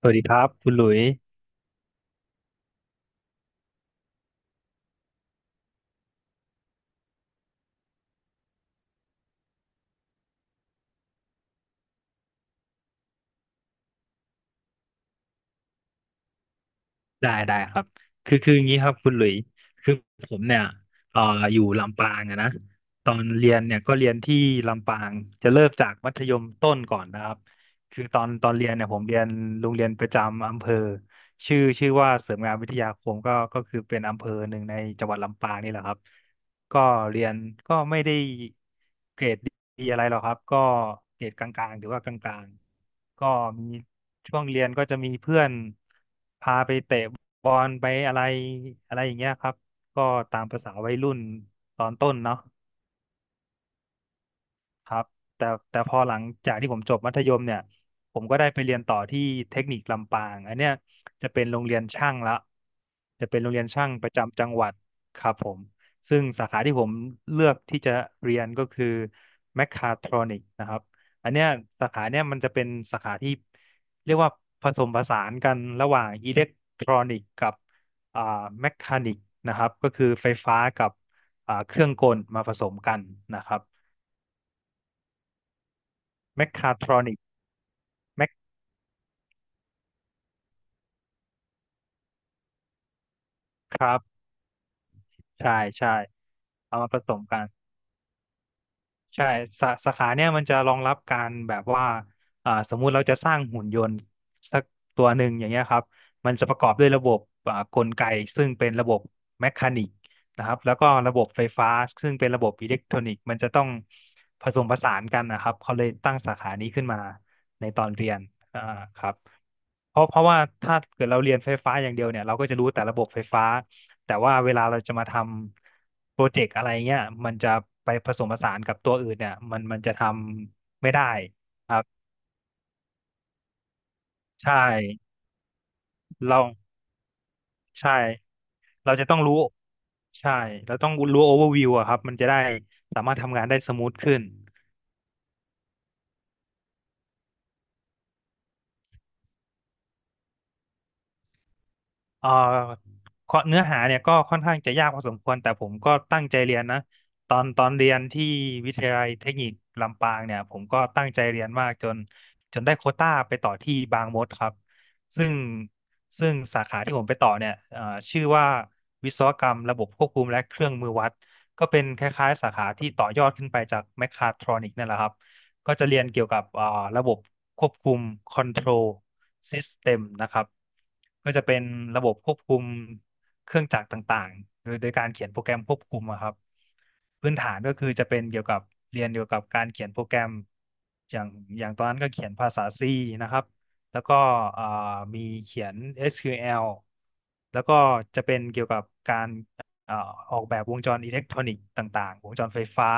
สวัสดีครับคุณหลุยได้ได้ครับคืออย่างนี้ครับคุณหลุยคือผมเนี่ยเอ่ออยู่ลำปางอะนะตอนเรียนเนี่ยก็เรียนที่ลำปางจะเริ่มจากมัธยมต้นก่อนนะครับคือตอนเรียนเนี่ยผมเรียนโรงเรียนประจำอำเภอ ชื่อว่าเสริมงานวิทยาคมก็คือเป็นอำเภอหนึ่งในจังหวัดลำปางนี่แหละครับก็เรียนก็ไม่ได้เกรดดีอะไรหรอกครับก็เกรดกลางๆหรือว่ากลางๆก็มีช่วงเรียนก็จะมีเพื่อนพาไปเตะบอลไปอะไรอะไรอย่างเงี้ยครับก็ตามประสาวัยรุ่นตอนต้นเนาะ ครับแต่แต่พอหลังจากที่ผมจบมัธยมเนี่ยผมก็ได้ไปเรียนต่อที่เทคนิคลำปางอันเนี้ยจะเป็นโรงเรียนช่างละจะเป็นโรงเรียนช่างประจำจังหวัดครับผมซึ่งสาขาที่ผมเลือกที่จะเรียนก็คือแมคคาทรอนิกนะครับอันเนี้ยสาขาเนี้ยมันจะเป็นสาขาที่เรียกว่าผสมผสานกันระหว่างอิเล็กทรอนิกกับอ่าแมคคานิกนะครับก็คือไฟฟ้ากับเครื่องกลมาผสมกันนะครับ แมคคาทรอนิกแมคครับใช่ใช่เอามาผสมกันใช่สาขาเนี่ยมันจะรองรับการแบบว่าสมมุติเราจะสร้างหุ่นยนต์สักตัวหนึ่งอย่างเงี้ยครับมันจะประกอบด้วยระบบกลไกซึ่งเป็นระบบแมคานิกนะครับแล้วก็ระบบไฟฟ้าซึ่งเป็นระบบอิเล็กทรอนิกส์มันจะต้องผสมผสานกันนะครับเขาเลยตั้งสาขานี้ขึ้นมาในตอนเรียนอ่าครับเพราะว่าถ้าเกิดเราเรียนไฟฟ้าอย่างเดียวเนี่ยเราก็จะรู้แต่ระบบไฟฟ้า แต่ว่าเวลาเราจะมาทำโปรเจกต์อะไรเงี้ยมันจะไปผสมผสานกับตัวอื่นเนี่ยมันจะทำไม่ได้ครับใช่เราใช่เราจะต้องรู้ใช่เราต้องรู้โอเวอร์วิวอะครับมันจะได้สามารถทำงานได้สมูทขึ้น เอ่อข้อเนื้อหาเนี่ยก็ค่อนข้างจะยากพอสมควรแต่ผมก็ตั้งใจเรียนนะตอนเรียนที่วิทยาลัยเทคนิคลำปางเนี่ยผมก็ตั้งใจเรียนมากจนได้โควต้าไปต่อที่บางมดครับซึ่งซึ่งสาขาที่ผมไปต่อเนี่ยชื่อว่าวิศวกรรมระบบควบคุมและเครื่องมือวัดก็เป็นคล้ายๆสาขาที่ต่อยอดขึ้นไปจากแมคคาทรอนิกนั่นแหละครับ ก็จะเรียนเกี่ยวกับระบบควบคุม control system นะครับก็จะเป็นระบบควบคุมเครื่องจักรต่างๆโดยการเขียนโปรแกรมควบคุมอะครับพื้นฐานก็คือจะเป็นเกี่ยวกับเรียนเกี่ยวกับการเขียนโปรแกรมอย่างอย่างตอนนั้นก็เขียนภาษา C นะครับแล้วก็อ่ามีเขียน SQL แอลแล้วก็จะเป็นเกี่ยวกับการ เอ่อออกแบบวงจรอิเล็กทรอนิกส์ต่างๆ วงจรไฟฟ้า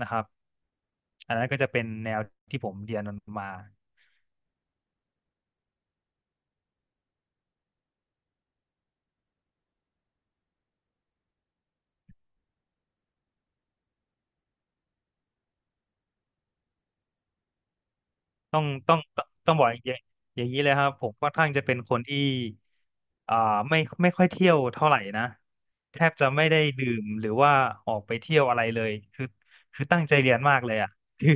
นะครับ อันนั้นก็จะเป็นแนวที่ผมเรียนมันมา ต้องต้องต้องบอกอย่างนี้เลยครับผมค่อนข้างจะเป็นคนที่อ่าไม่ค่อยเที่ยวเท่าไหร่นะแทบจะไม่ได้ดื่มหรือว่าออกไปเที่ยวอะไรเลยคือตั้งใจเรียนมากเลยอ่ะคือ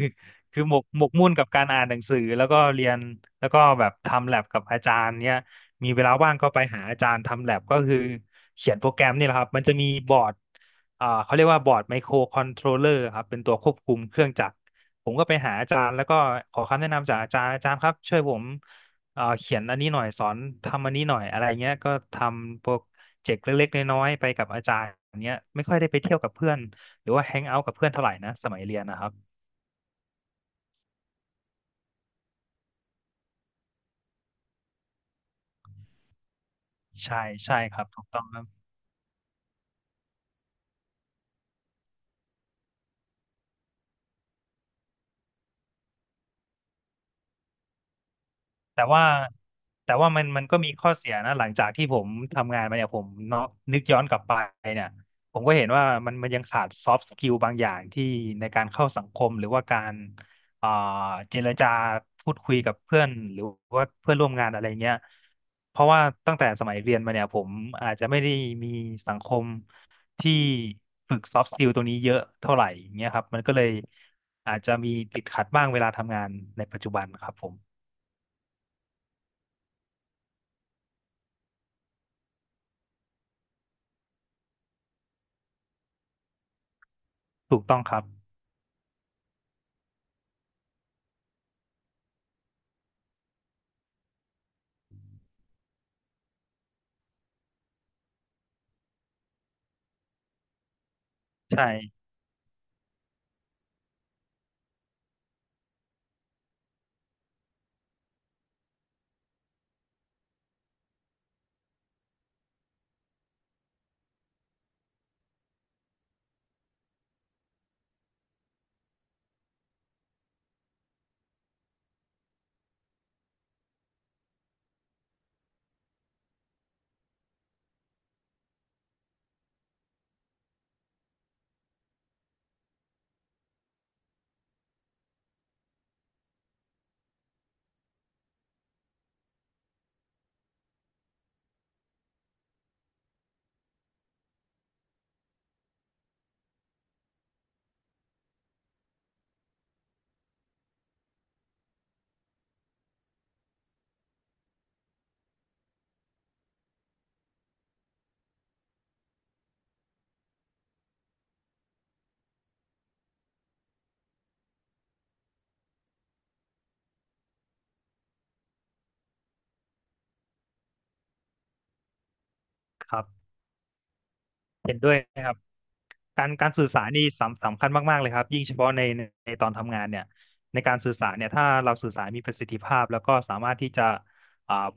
คือหมกมุ่นกับการอ่านหนังสือแล้วก็เรียนแล้วก็แบบทำแลบกับอาจารย์เนี่ยมีเวลาว่างก็ไปหาอาจารย์ทำแลบก็คือเขียนโปรแกรมนี่แหละครับมันจะมีบอร์ดเขาเรียกว่าบอร์ดไมโครคอนโทรลเลอร์ครับเป็นตัวควบคุมเครื่องจักร ผมก็ไปหาอาจารย์แล้วก็ขอคำแนะนำจากอาจารย์อาจารย์ครับช่วยผมเขียนอันนี้หน่อยสอนทำอันนี้หน่อยอะไรเงี้ยก็ทำโปรเจกต์เล็กๆน้อยๆไปกับอาจารย์เนี้ยไม่ค่อยได้ไปเที่ยวกับเพื่อนหรือว่าแฮงเอาท์กับเพื่อนเท่าไหร่นะสมัยเรียนนะครับใช่ใช่ครับถูกต้องครับ แต่ว่าแต่ว่ามันก็มีข้อเสียนะหลังจากที่ผมทำงานมาเนี่ยผมเนาะนึกย้อนกลับไปเนี่ยผมก็เห็นว่ามันยังขาดซอฟต์สกิลบางอย่างที่ในการเข้าสังคมหรือว่าการอ่าเจรจาพูดคุยกับเพื่อนหรือว่าเพื่อนร่วมงานอะไรเงี้ยเพราะว่าตั้งแต่สมัยเรียนมาเนี่ยผมอาจจะไม่ได้มีสังคมที่ฝึกซอฟต์สกิลตัวนี้เยอะเท่าไหร่อย่างเงี้ยครับมันก็เลยอาจจะมีติดขัดบ้างเวลาทำงานในปัจจุบันครับผมถูกต้องครับ ใช่ครับเห็นด้วยนะครับการสื่อสารนี่สำคัญมากๆเลยครับยิ่งเฉพาะในตอนทำงานเนี่ยในการสื่อสารเนี่ยถ้าเราสื่อสารมีประสิทธิภาพแล้วก็สามารถที่จะอ่า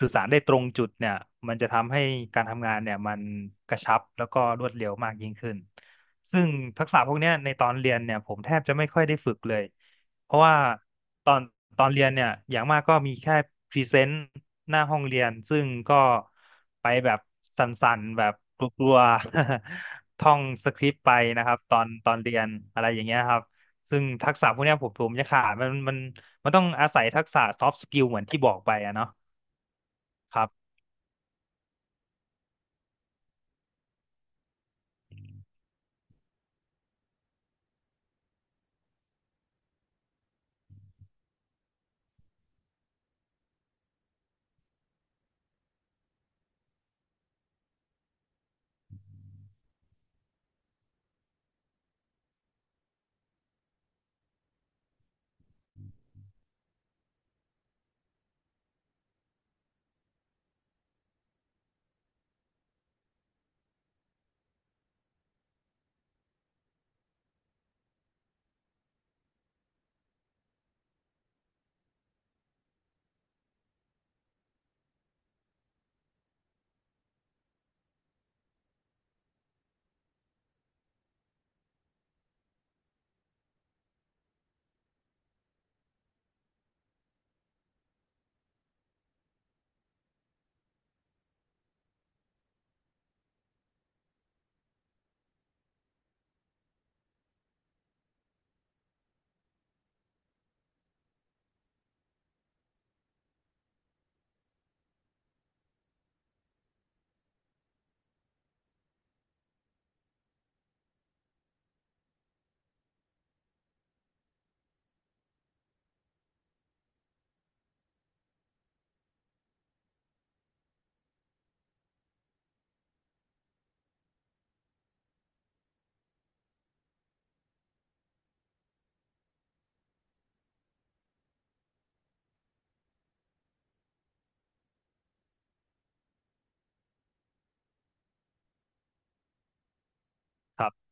สื่อสารได้ตรงจุดเนี่ยมันจะทำให้การทำงานเนี่ยมันกระชับแล้วก็รวดเร็วมากยิ่งขึ้น ซึ่งทักษะพวกเนี้ยในตอนเรียนเนี่ยผมแทบจะไม่ค่อยได้ฝึกเลยเพราะว่าตอนตอนเรียนเนี่ยอย่างมากก็มีแค่พรีเซนต์หน้าห้องเรียนซึ่งก็ไปแบบสั่นๆแบบกลัวๆ ท่องสคริปต์ไปนะครับตอนเรียนอะไรอย่างเงี้ยครับซึ่งทักษะพวกเนี้ยผมจะขาดมันต้องอาศัยทักษะ soft skill เหมือนที่บอกไปอะเนาะครับครับ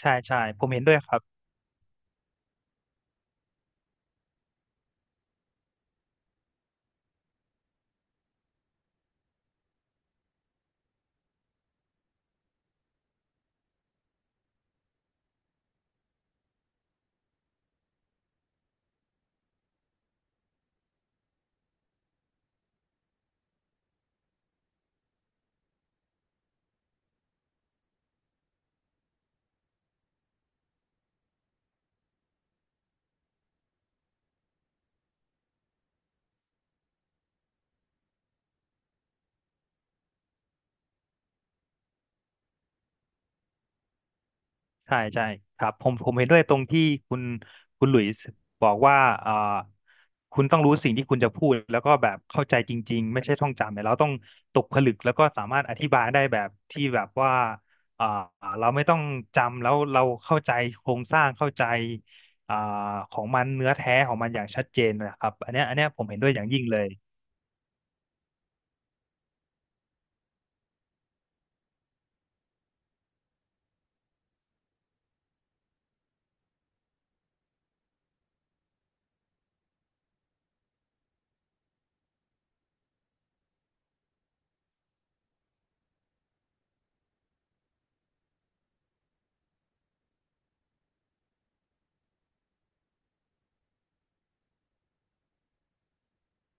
ใช่ใช่ผมเห็นด้วยครับ ใช่ใช่ครับผมเห็นด้วยตรงที่คุณคุณหลุยส์บอกว่าเอ่อคุณต้องรู้สิ่งที่คุณจะพูดแล้วก็แบบเข้าใจจริงๆไม่ใช่ท่องจำเนี่ยเราต้องตกผลึกแล้วก็สามารถอธิบายได้แบบที่แบบว่าเอ่อเราไม่ต้องจำแล้วเราเข้าใจโครงสร้างเข้าใจอ่าของมันเนื้อแท้ของมันอย่างชัดเจนนะครับอันเนี้ยผมเห็นด้วยอย่างยิ่งเลย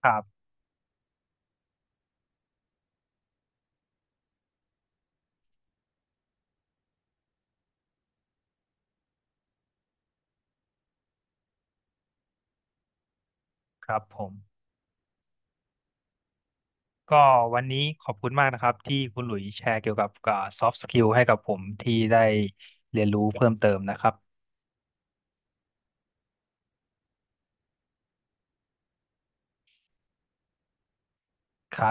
ครับครับผม ก็วันนี้ขอบคุณมากนะครับที่คุณหลุยส์แชร์เกี่ยวกับซอฟต์สกิลให้กับผมที่ได้เรียนรู้เพิ่มเติมนะครับ